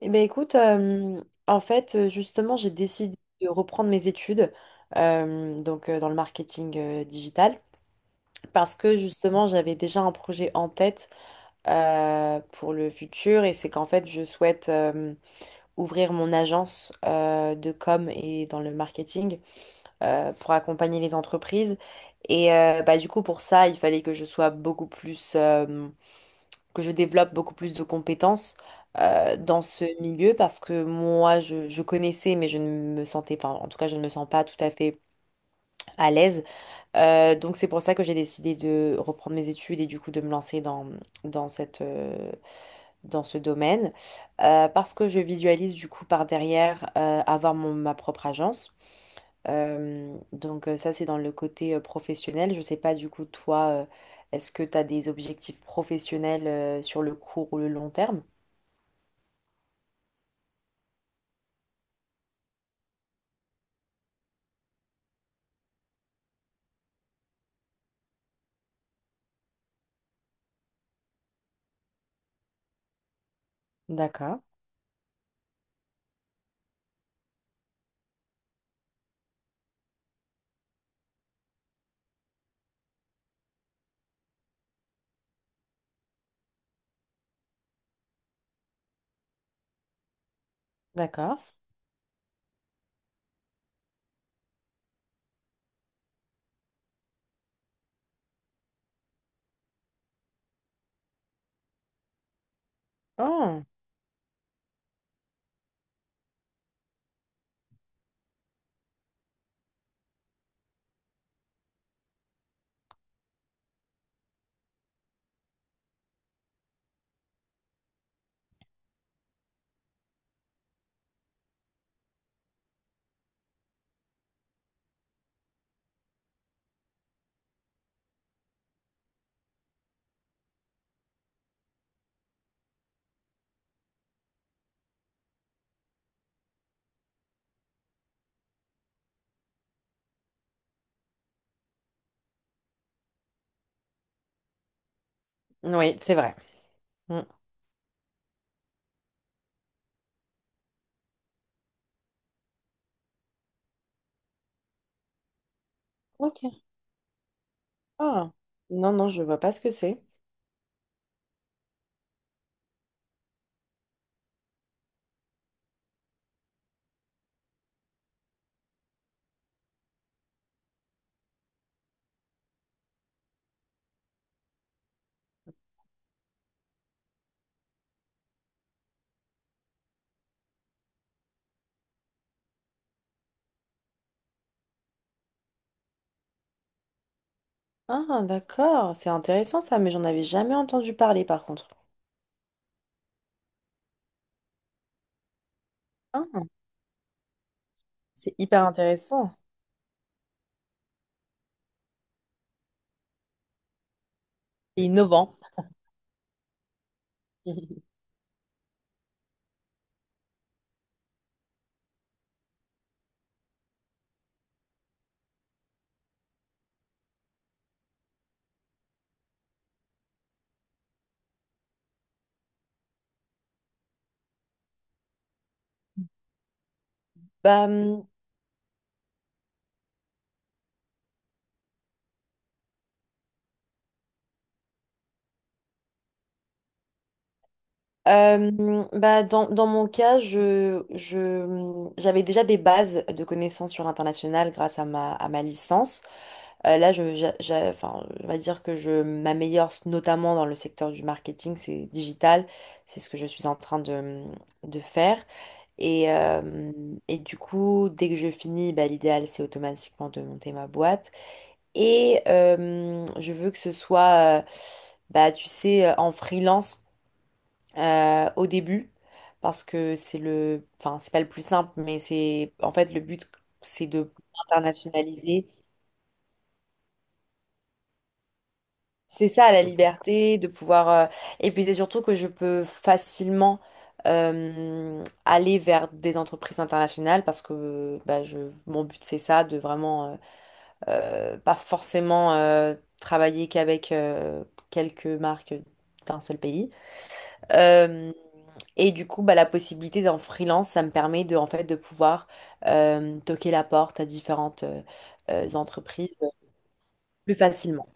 Eh ben écoute, en fait, justement, j'ai décidé de reprendre mes études donc dans le marketing digital parce que justement, j'avais déjà un projet en tête, pour le futur. Et c'est qu'en fait, je souhaite ouvrir mon agence de com et dans le marketing, pour accompagner les entreprises. Et bah, du coup, pour ça, il fallait que je sois beaucoup plus que je développe beaucoup plus de compétences dans ce milieu, parce que moi, je connaissais, mais je ne me sentais, enfin, en tout cas, je ne me sens pas tout à fait à l'aise. Donc, c'est pour ça que j'ai décidé de reprendre mes études et du coup de me lancer dans, dans cette, dans ce domaine, parce que je visualise du coup par derrière avoir ma propre agence. Donc, ça, c'est dans le côté professionnel. Je sais pas du coup, toi, est-ce que tu as des objectifs professionnels sur le court ou le long terme? D'accord, d'accord. Oh, oui, c'est vrai. Mm. Ok. Ah. Non, non, je vois pas ce que c'est. Ah, d'accord. C'est intéressant ça, mais j'en avais jamais entendu parler par contre. Ah, c'est hyper intéressant et innovant. Bah, bah dans, dans mon cas, je j'avais déjà des bases de connaissances sur l'international grâce à ma licence. Là, je, enfin, on va dire que je m'améliore notamment dans le secteur du marketing, c'est digital, c'est ce que je suis en train de, mmh, de faire. Et, euh, et du coup, dès que je finis, bah, l'idéal, c'est automatiquement de monter ma boîte. Et je veux que ce soit, bah, tu sais, en freelance au début, parce que c'est le, enfin c'est pas le plus simple, mais c'est en fait le but, c'est de internationaliser. C'est ça la liberté, de pouvoir. Et puis c'est surtout que je peux facilement aller vers des entreprises internationales parce que bah, je... mon but c'est ça, de vraiment pas forcément travailler qu'avec quelques marques d'un seul pays. Euh, et du coup, bah, la possibilité d'en freelance, ça me permet de, en fait, de pouvoir toquer la porte à différentes entreprises plus facilement.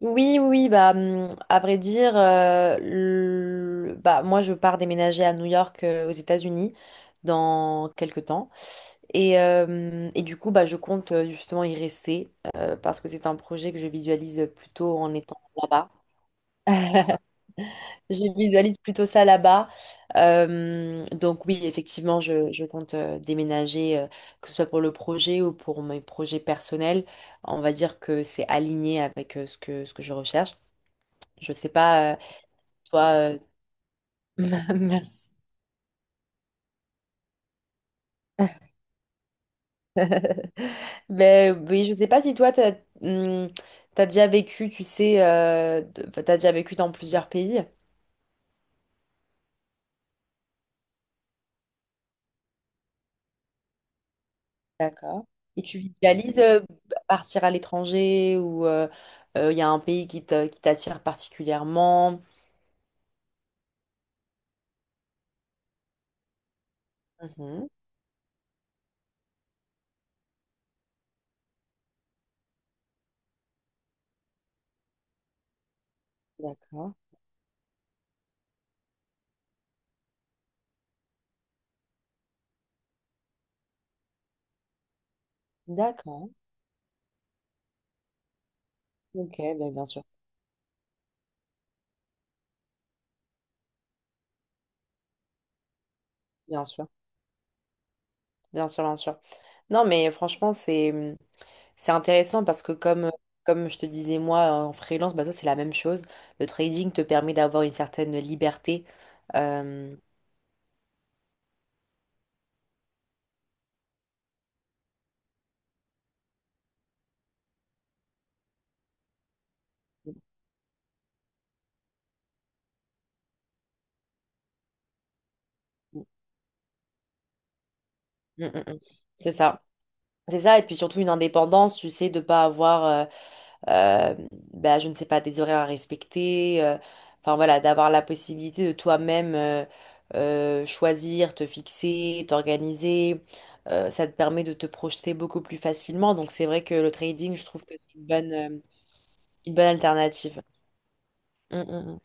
Oui, oui, oui, bah, à vrai dire, bah, moi, je pars déménager à New York, aux États-Unis, dans quelques temps. Et du coup, bah, je compte justement y rester, parce que c'est un projet que je visualise plutôt en étant là-bas. Je visualise plutôt ça là-bas. Donc oui, effectivement, je compte déménager, que ce soit pour le projet ou pour mes projets personnels. On va dire que c'est aligné avec ce que je recherche. Je sais pas, toi... euh, Merci. Ben oui, je sais pas si toi, t'as, hum, t'as déjà vécu, tu sais, enfin, t'as déjà vécu dans plusieurs pays. D'accord. Et tu visualises partir à l'étranger ou il y a un pays qui t'attire particulièrement? Mhm. D'accord. D'accord. Ok, ben, bien sûr. Bien sûr. Bien sûr, bien sûr. Non, mais franchement, c'est c'est intéressant parce que comme, comme je te disais, moi, en freelance, bah, toi, c'est la même chose. Le trading te permet d'avoir une certaine liberté. Euh, Mm, mm, mm. C'est ça. C'est ça, et puis surtout une indépendance, tu sais, de pas avoir euh, bah, je ne sais pas, des horaires à respecter, enfin voilà, d'avoir la possibilité de toi-même choisir, te fixer, t'organiser, ça te permet de te projeter beaucoup plus facilement. Donc c'est vrai que le trading, je trouve que c'est une bonne alternative. Mm, mm, mm.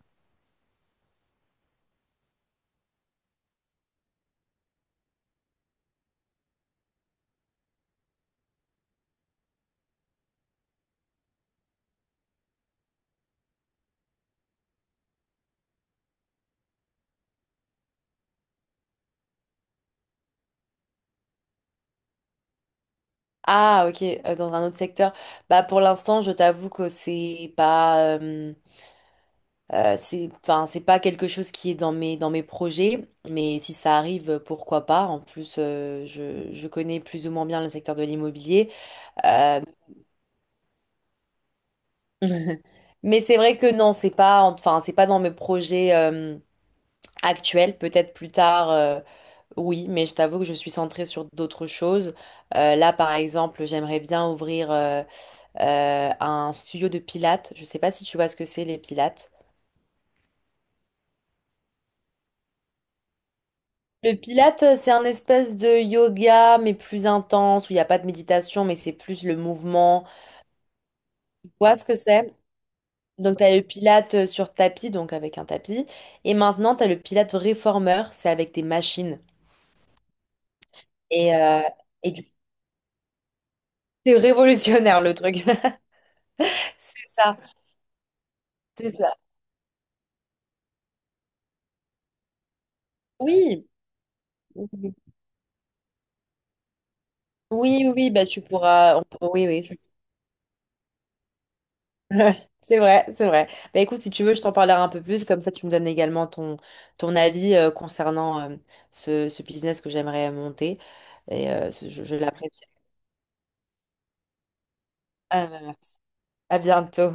Ah, ok, dans un autre secteur. Bah, pour l'instant, je t'avoue que c'est pas. C'est, enfin, c'est pas quelque chose qui est dans mes projets, mais si ça arrive, pourquoi pas. En plus, je connais plus ou moins bien le secteur de l'immobilier. Euh, mais c'est vrai que non, c'est pas, enfin, c'est pas dans mes projets, actuels. Peut-être plus tard, oui, mais je t'avoue que je suis centrée sur d'autres choses. Là, par exemple, j'aimerais bien ouvrir, un studio de pilates. Je sais pas si tu vois ce que c'est, les pilates. Le Pilate, c'est un espèce de yoga, mais plus intense, où il n'y a pas de méditation, mais c'est plus le mouvement. Tu vois ce que c'est? Donc, tu as le Pilate sur tapis, donc avec un tapis. Et maintenant, tu as le Pilate réformeur, c'est avec des machines. Et, euh, et du coup, c'est révolutionnaire, le truc. C'est ça, c'est ça. Oui. Oui, oui, oui, bah tu pourras. On oui, oui, ouais, c'est vrai, c'est vrai. Bah écoute, si tu veux, je t'en parlerai un peu plus, comme ça tu me donnes également ton, ton avis concernant ce, ce business que j'aimerais monter. Et je l'apprécie. Ah, bah, merci. À bientôt.